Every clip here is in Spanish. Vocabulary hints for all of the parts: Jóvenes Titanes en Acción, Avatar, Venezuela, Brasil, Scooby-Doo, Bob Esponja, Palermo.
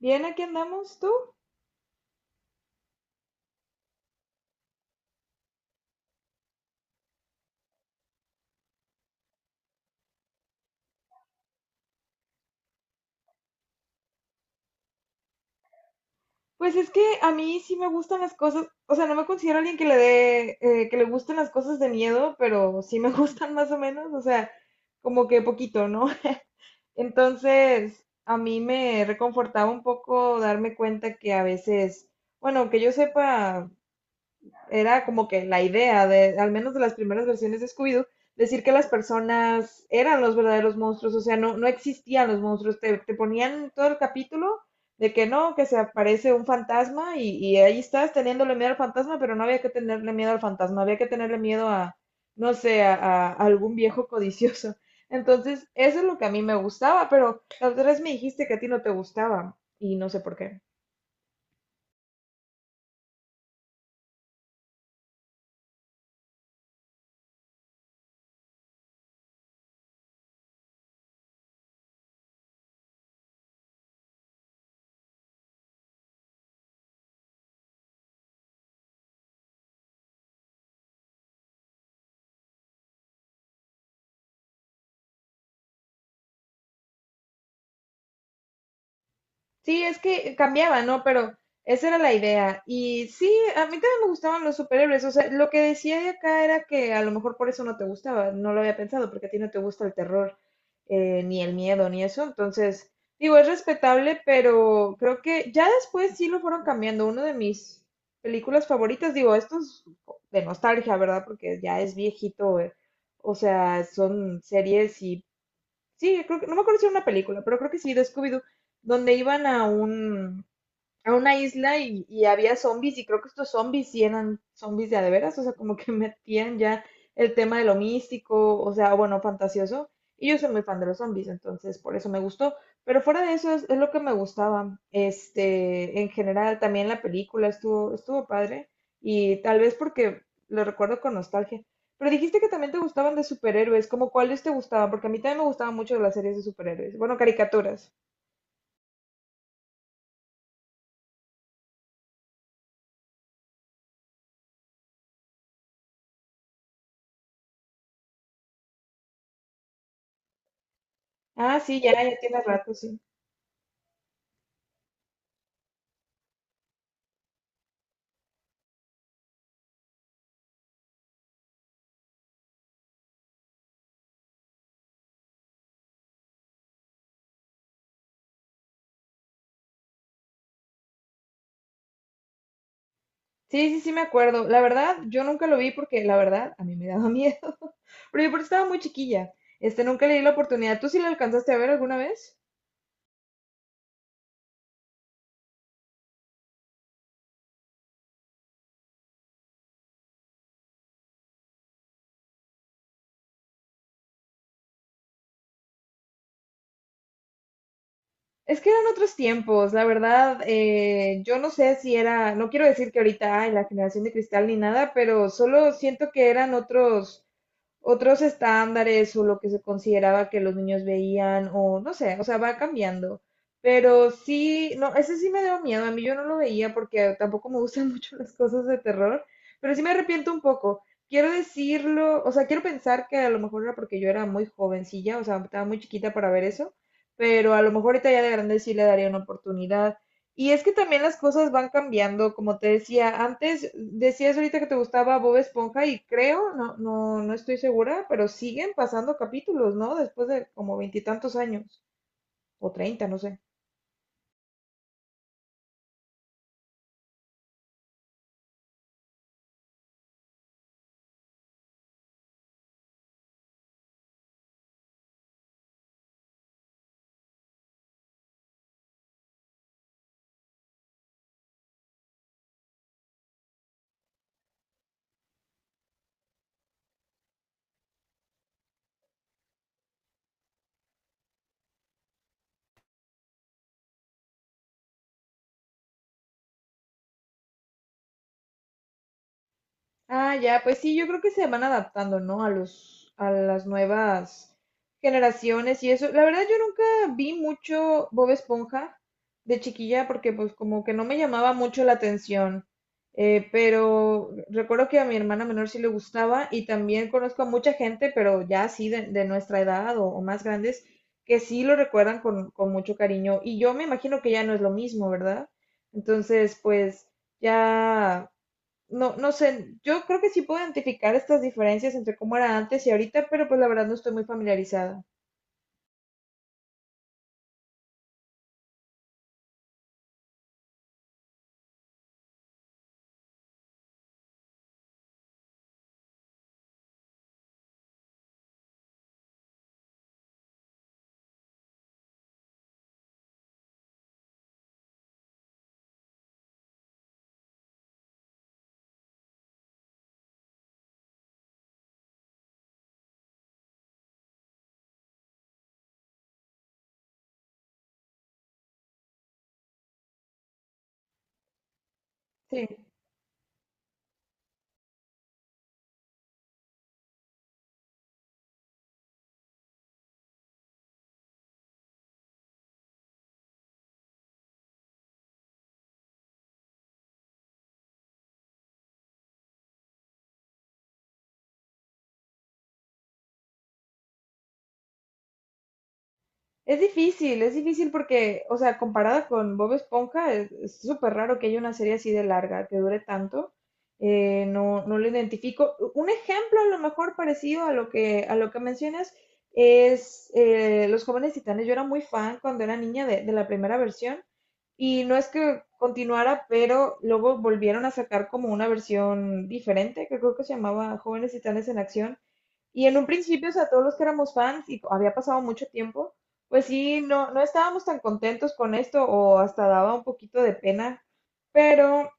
Bien, aquí andamos, ¿tú? Pues es que a mí sí me gustan las cosas, o sea, no me considero alguien que le gusten las cosas de miedo, pero sí me gustan más o menos, o sea, como que poquito, ¿no? Entonces, a mí me reconfortaba un poco darme cuenta que a veces, bueno, que yo sepa, era como que la idea de, al menos de las primeras versiones de Scooby-Doo, decir que las personas eran los verdaderos monstruos, o sea, no, no existían los monstruos, te ponían todo el capítulo de que no, que se aparece un fantasma y ahí estás teniéndole miedo al fantasma, pero no había que tenerle miedo al fantasma, había que tenerle miedo a, no sé, a algún viejo codicioso. Entonces, eso es lo que a mí me gustaba, pero la otra vez me dijiste que a ti no te gustaba y no sé por qué. Sí, es que cambiaba, ¿no? Pero esa era la idea. Y sí, a mí también me gustaban los superhéroes. O sea, lo que decía de acá era que a lo mejor por eso no te gustaba. No lo había pensado, porque a ti no te gusta el terror, ni el miedo, ni eso. Entonces, digo, es respetable, pero creo que ya después sí lo fueron cambiando. Uno de mis películas favoritas, digo, esto es de nostalgia, ¿verdad? Porque ya es viejito. O sea, son series y sí, creo que, no me acuerdo si era una película, pero creo que sí, de Scooby-Doo, donde iban a una isla y había zombies y creo que estos zombies sí eran zombies de a de veras, o sea, como que metían ya el tema de lo místico, o sea, bueno, fantasioso. Y yo soy muy fan de los zombies, entonces por eso me gustó. Pero fuera de eso es lo que me gustaba. Este, en general, también la película estuvo padre y tal vez porque lo recuerdo con nostalgia. Pero dijiste que también te gustaban de superhéroes, ¿como cuáles te gustaban? Porque a mí también me gustaban mucho las series de superhéroes. Bueno, caricaturas. Ah, sí, ya, ya tienes rato, sí. Sí, sí, sí me acuerdo. La verdad, yo nunca lo vi porque la verdad a mí me daba miedo. Pero yo porque estaba muy chiquilla. Este, nunca le di la oportunidad. ¿Tú sí lo alcanzaste a ver alguna vez? Es que eran otros tiempos, la verdad. Yo no sé si era, no quiero decir que ahorita hay la generación de cristal ni nada, pero solo siento que eran otros estándares o lo que se consideraba que los niños veían o no sé, o sea, va cambiando. Pero sí, no, ese sí me dio miedo. A mí yo no lo veía porque tampoco me gustan mucho las cosas de terror, pero sí me arrepiento un poco. Quiero decirlo, o sea, quiero pensar que a lo mejor era porque yo era muy jovencilla, o sea, estaba muy chiquita para ver eso, pero a lo mejor ahorita ya de grande sí le daría una oportunidad. Y es que también las cosas van cambiando, como te decía, antes decías ahorita que te gustaba Bob Esponja y creo, no, no, no estoy segura, pero siguen pasando capítulos, ¿no? Después de como veintitantos años, o 30, no sé. Ah, ya, pues sí, yo creo que se van adaptando, ¿no? A las nuevas generaciones y eso. La verdad, yo nunca vi mucho Bob Esponja de chiquilla porque pues como que no me llamaba mucho la atención. Pero recuerdo que a mi hermana menor sí le gustaba y también conozco a mucha gente, pero ya así de, nuestra edad o más grandes, que sí lo recuerdan con mucho cariño. Y yo me imagino que ya no es lo mismo, ¿verdad? Entonces, pues ya no, no sé, yo creo que sí puedo identificar estas diferencias entre cómo era antes y ahorita, pero pues la verdad no estoy muy familiarizada. Sí. Es difícil porque, o sea, comparada con Bob Esponja, es súper raro que haya una serie así de larga, que dure tanto. No, no lo identifico. Un ejemplo a lo mejor parecido a lo que, mencionas es Los Jóvenes Titanes. Yo era muy fan cuando era niña de la primera versión y no es que continuara, pero luego volvieron a sacar como una versión diferente, que creo que se llamaba Jóvenes Titanes en Acción. Y en un principio, o sea, todos los que éramos fans y había pasado mucho tiempo, pues sí, no, no estábamos tan contentos con esto o hasta daba un poquito de pena, pero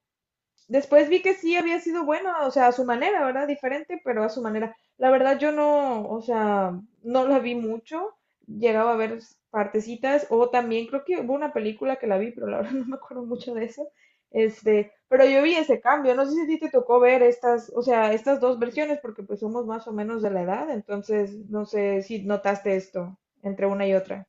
después vi que sí había sido buena, o sea, a su manera, ¿verdad? Diferente, pero a su manera. La verdad yo no, o sea, no la vi mucho, llegaba a ver partecitas, o también creo que hubo una película que la vi, pero la verdad no me acuerdo mucho de eso. Este, pero yo vi ese cambio, no sé si a ti te tocó ver estas, o sea, estas dos versiones, porque pues somos más o menos de la edad, entonces no sé si notaste esto entre una y otra.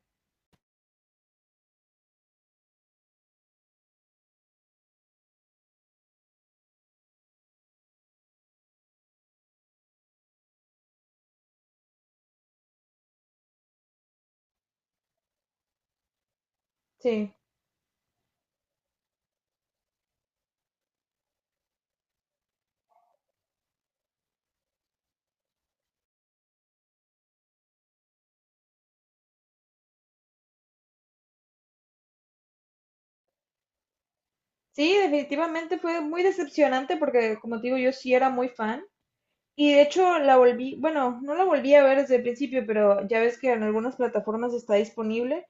Sí. Sí, definitivamente fue muy decepcionante porque, como te digo, yo sí era muy fan. Y de hecho la volví, bueno, no la volví a ver desde el principio, pero ya ves que en algunas plataformas está disponible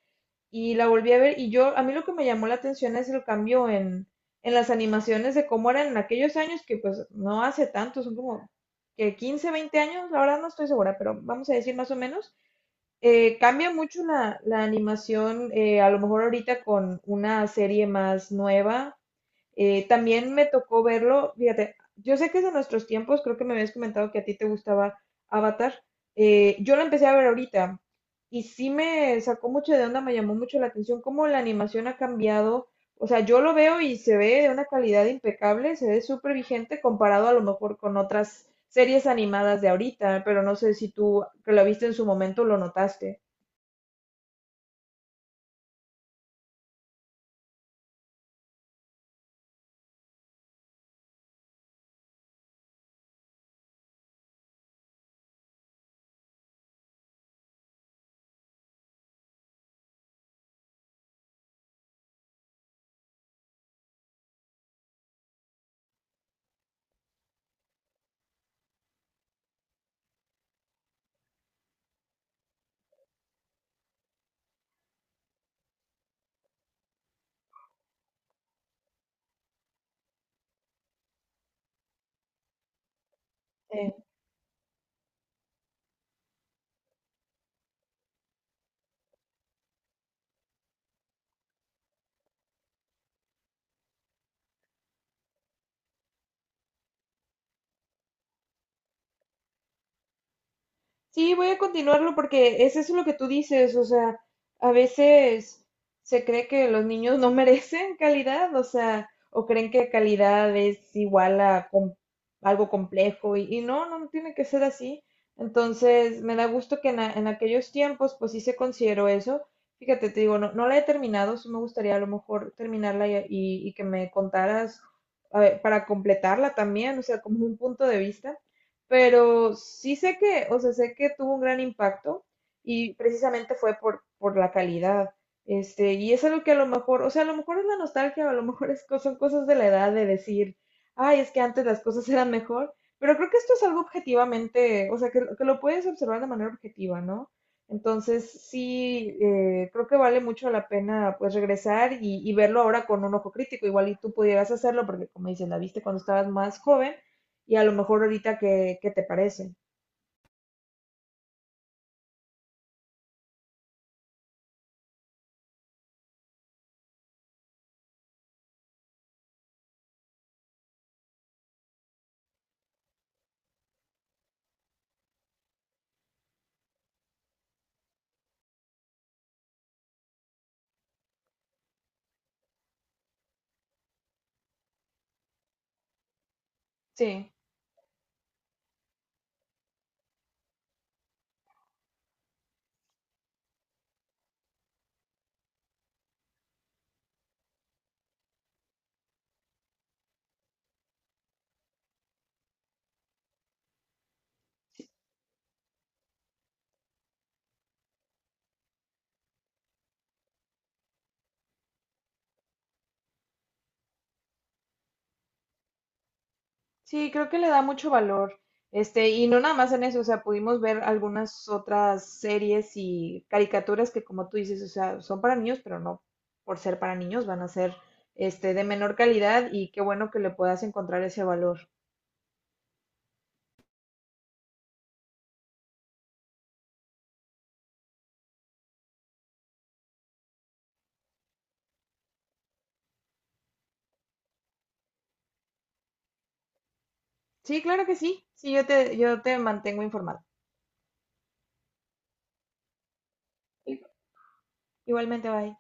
y la volví a ver y yo, a mí lo que me llamó la atención es el cambio en, las animaciones de cómo eran en aquellos años, que pues no hace tanto, son como que 15 20 años, la verdad no estoy segura, pero vamos a decir más o menos. Cambia mucho la animación, a lo mejor ahorita con una serie más nueva, también me tocó verlo, fíjate, yo sé que es de nuestros tiempos, creo que me habías comentado que a ti te gustaba Avatar. Yo lo empecé a ver ahorita y sí me sacó mucho de onda, me llamó mucho la atención cómo la animación ha cambiado. O sea, yo lo veo y se ve de una calidad impecable, se ve súper vigente comparado a lo mejor con otras series animadas de ahorita, pero no sé si tú que lo viste en su momento lo notaste. Sí, voy a continuarlo porque es eso lo que tú dices, o sea, a veces se cree que los niños no merecen calidad, o sea, o creen que calidad es igual a algo complejo y no, no no tiene que ser así. Entonces, me da gusto que en aquellos tiempos, pues sí se consideró eso. Fíjate, te digo, no, no la he terminado, sí me gustaría a lo mejor terminarla y que me contaras, a ver, para completarla también, o sea, como un punto de vista. Pero sí sé que, o sea, sé que tuvo un gran impacto y precisamente fue por, la calidad. Este, y es algo que a lo mejor, o sea, a lo mejor es la nostalgia, o a lo mejor son cosas de la edad de decir, ay, es que antes las cosas eran mejor, pero creo que esto es algo objetivamente, o sea, que lo puedes observar de manera objetiva, ¿no? Entonces, sí, creo que vale mucho la pena, pues, regresar y verlo ahora con un ojo crítico, igual y tú pudieras hacerlo, porque como dices, la viste cuando estabas más joven, y a lo mejor ahorita qué te parece. Sí, sí, creo que le da mucho valor. Este, y no nada más en eso, o sea, pudimos ver algunas otras series y caricaturas que como tú dices, o sea, son para niños, pero no por ser para niños, van a ser este de menor calidad y qué bueno que le puedas encontrar ese valor. Sí, claro que sí. Sí, yo te mantengo informado. Igualmente, bye.